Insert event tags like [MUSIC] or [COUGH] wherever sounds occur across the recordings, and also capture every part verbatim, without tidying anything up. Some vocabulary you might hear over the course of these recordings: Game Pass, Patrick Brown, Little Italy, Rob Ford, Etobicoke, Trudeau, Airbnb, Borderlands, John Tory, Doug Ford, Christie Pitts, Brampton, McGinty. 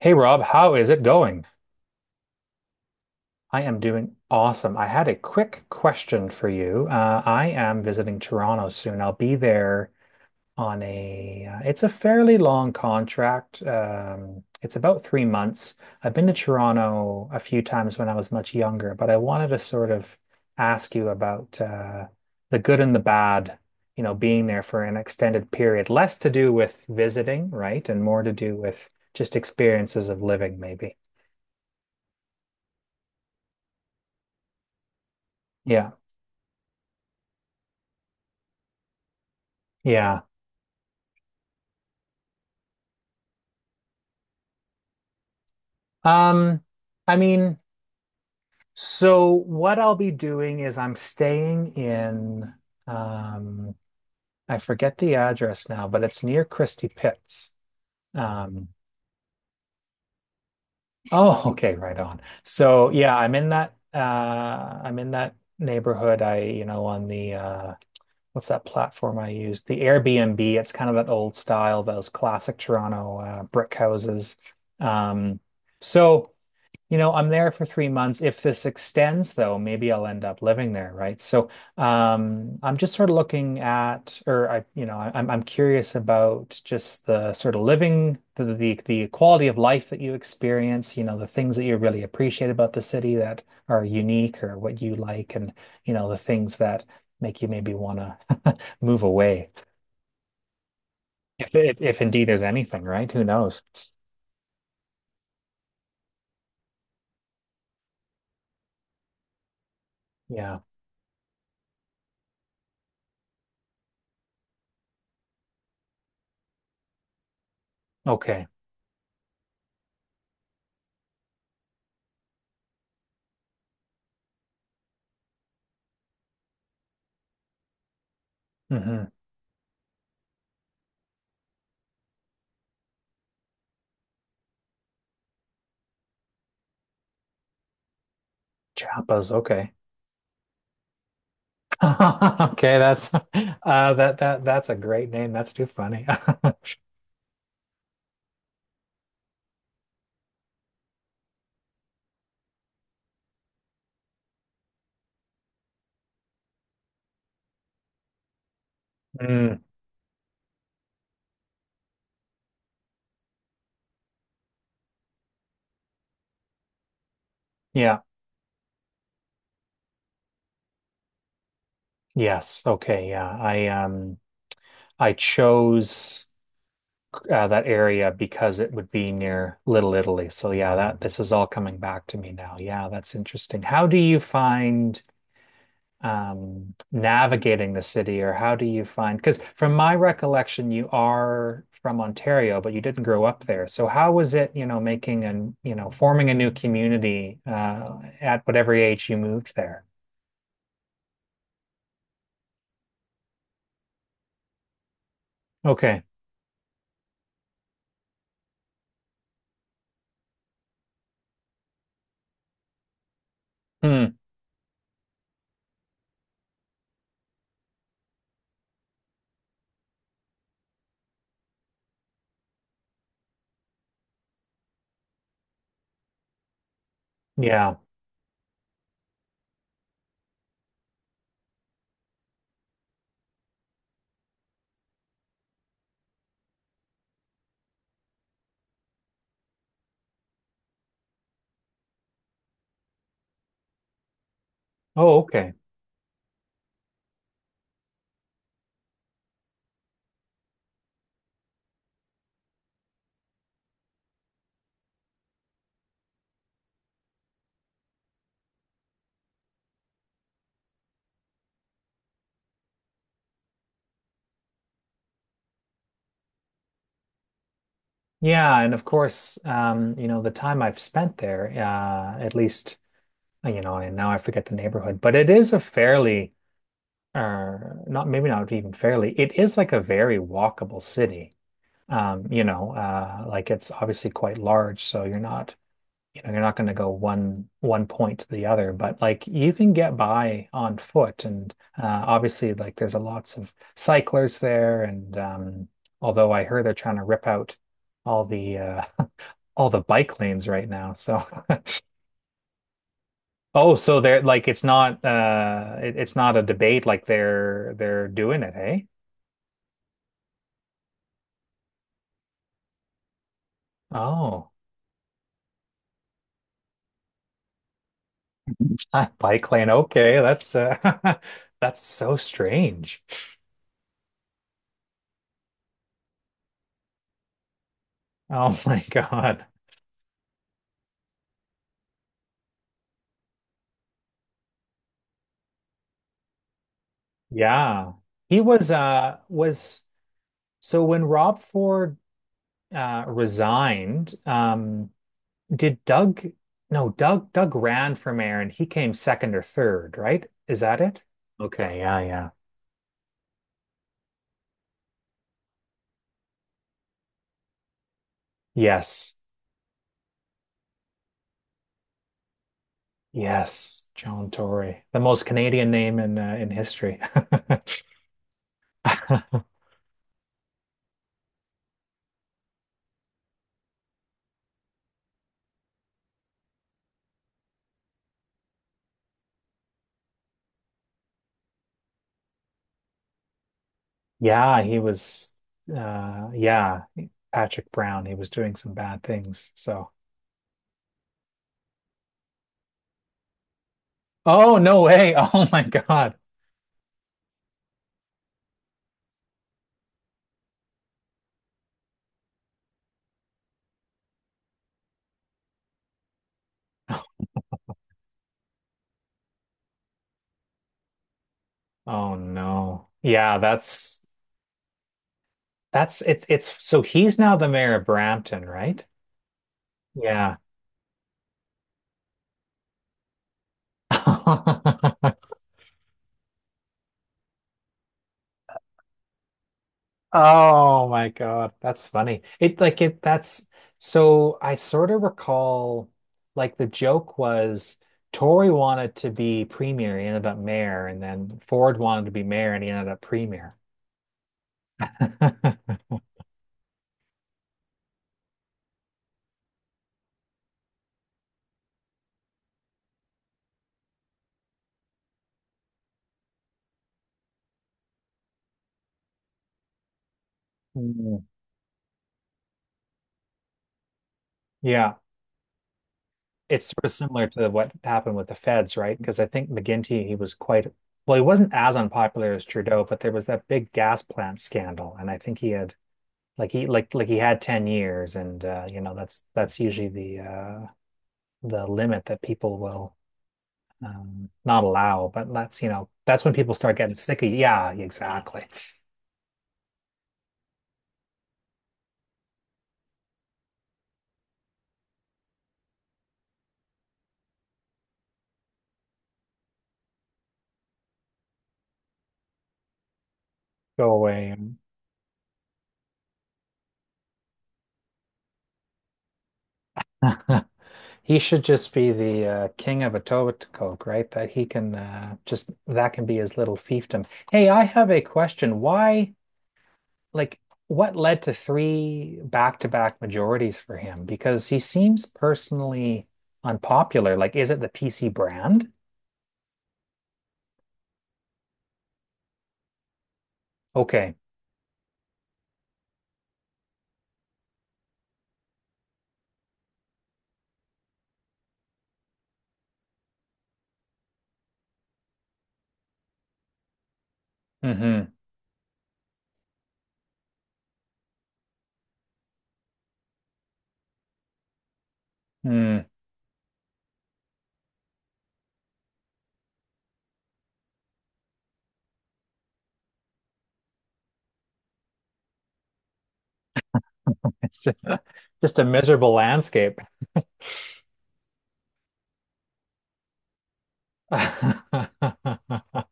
Hey Rob, how is it going? I am doing awesome. I had a quick question for you. Uh, I am visiting Toronto soon. I'll be there on a, uh, it's a fairly long contract. Um, it's about three months. I've been to Toronto a few times when I was much younger, but I wanted to sort of ask you about uh, the good and the bad, you know, being there for an extended period. Less to do with visiting, right? And more to do with just experiences of living, maybe. Yeah. Yeah. Um, I mean, so what I'll be doing is I'm staying in um I forget the address now, but it's near Christie Pitts. Um oh, okay, right on. So yeah, I'm in that uh I'm in that neighborhood. I, you know, on the uh what's that platform I use? The Airbnb. It's kind of that old style, those classic Toronto uh brick houses. Um so You know, I'm there for three months. If this extends, though, maybe I'll end up living there, right? So, um, I'm just sort of looking at, or I, you know, I, I'm I'm curious about just the sort of living, the, the the quality of life that you experience. You know, the things that you really appreciate about the city that are unique, or what you like, and you know, the things that make you maybe want to [LAUGHS] move away. If, if if indeed there's anything, right? Who knows? Yeah. Okay. hmm Chapas. Okay. [LAUGHS] Okay, that's uh that that that's a great name. That's too funny. [LAUGHS] Mm, yeah. Yes. Okay, yeah. I um I chose uh, that area because it would be near Little Italy. So yeah, that this is all coming back to me now. Yeah, that's interesting. How do you find um, navigating the city, or how do you find? Because from my recollection, you are from Ontario, but you didn't grow up there. So how was it, you know, making and, you know, forming a new community uh, at whatever age you moved there? Okay. Hmm. Yeah. Oh, okay. Yeah, and of course, um, you know, the time I've spent there, uh, at least, uh, you know, and now I forget the neighborhood, but it is a fairly, uh, not maybe not even fairly, it is like a very walkable city. Um, you know, uh, like it's obviously quite large, so you're not, you know, you're not going to go one one point to the other, but like you can get by on foot, and uh, obviously, like there's a lots of cyclists there, and um, although I heard they're trying to rip out all the uh, [LAUGHS] all the bike lanes right now, so. [LAUGHS] Oh, so they're like it's not uh it, it's not a debate like they're they're doing it, hey? Oh. [LAUGHS] Bike lane. Okay, that's uh, [LAUGHS] that's so strange. Oh [LAUGHS] my God. Yeah. He was uh was so when Rob Ford uh resigned, um did Doug no, Doug Doug ran for mayor and he came second or third, right? Is that it? Okay, yeah, yeah. Yes. Yes, John Tory. The most Canadian name in uh, in history. [LAUGHS] Yeah, he was uh yeah, Patrick Brown, he was doing some bad things. So, oh no way. [LAUGHS] Oh my God. Oh no. Yeah, that's that's it's it's so he's now the mayor of Brampton, right? Yeah. [LAUGHS] Oh my God. That's funny. It like it that's so I sort of recall like the joke was Tory wanted to be premier, he ended up mayor, and then Ford wanted to be mayor and he ended up premier. [LAUGHS] Mm, yeah, it's sort of similar to what happened with the Feds, right? Because I think McGinty, he was quite, well, he wasn't as unpopular as Trudeau, but there was that big gas plant scandal, and I think he had like he like like he had ten years, and uh, you know that's that's usually the uh, the limit that people will um, not allow, but that's you know that's when people start getting sick of, you. Yeah, exactly. Go away. [LAUGHS] He should just be the uh, king of Etobicoke, right? That he can uh, just that can be his little fiefdom. Hey, I have a question. Why, like, what led to three back-to-back majorities for him? Because he seems personally unpopular. Like, is it the P C brand? Okay. Mm-hmm. Mm. [LAUGHS] Just a miserable landscape. [LAUGHS]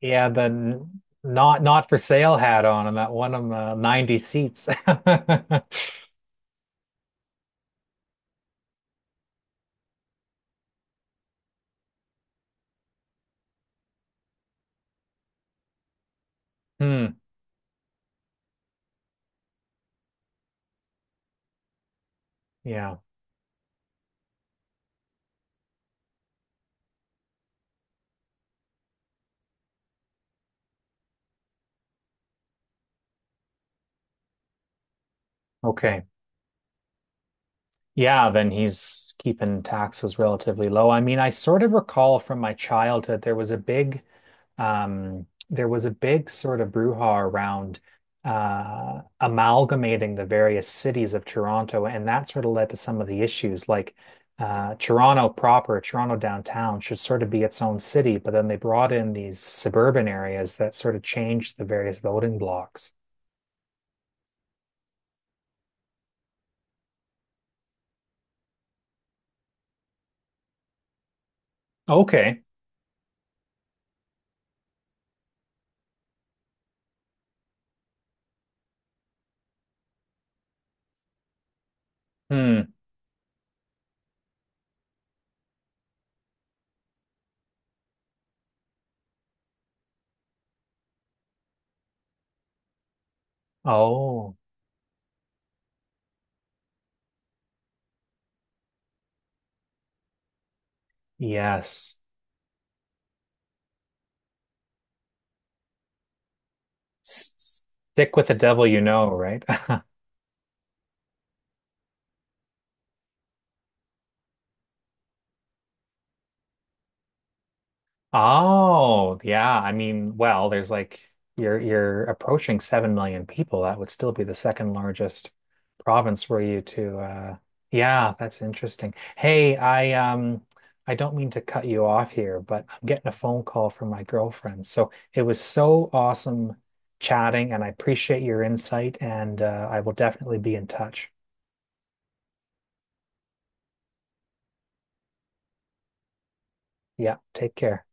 Yeah, the not not for sale hat on, and that one of uh, ninety seats. [LAUGHS] Hmm. Yeah. Okay. Yeah, then he's keeping taxes relatively low. I mean, I sort of recall from my childhood there was a big um there was a big sort of brouhaha around uh amalgamating the various cities of Toronto, and that sort of led to some of the issues like uh Toronto proper, Toronto downtown should sort of be its own city, but then they brought in these suburban areas that sort of changed the various voting blocks. Okay. Hmm. Oh, yes. S- Stick with the devil you know, right? [LAUGHS] Oh, yeah. I mean, well, there's like you're you're approaching seven million people. That would still be the second largest province for you to uh yeah, that's interesting. Hey, I um I don't mean to cut you off here, but I'm getting a phone call from my girlfriend. So it was so awesome chatting, and I appreciate your insight, and uh, I will definitely be in touch. Yeah, take care.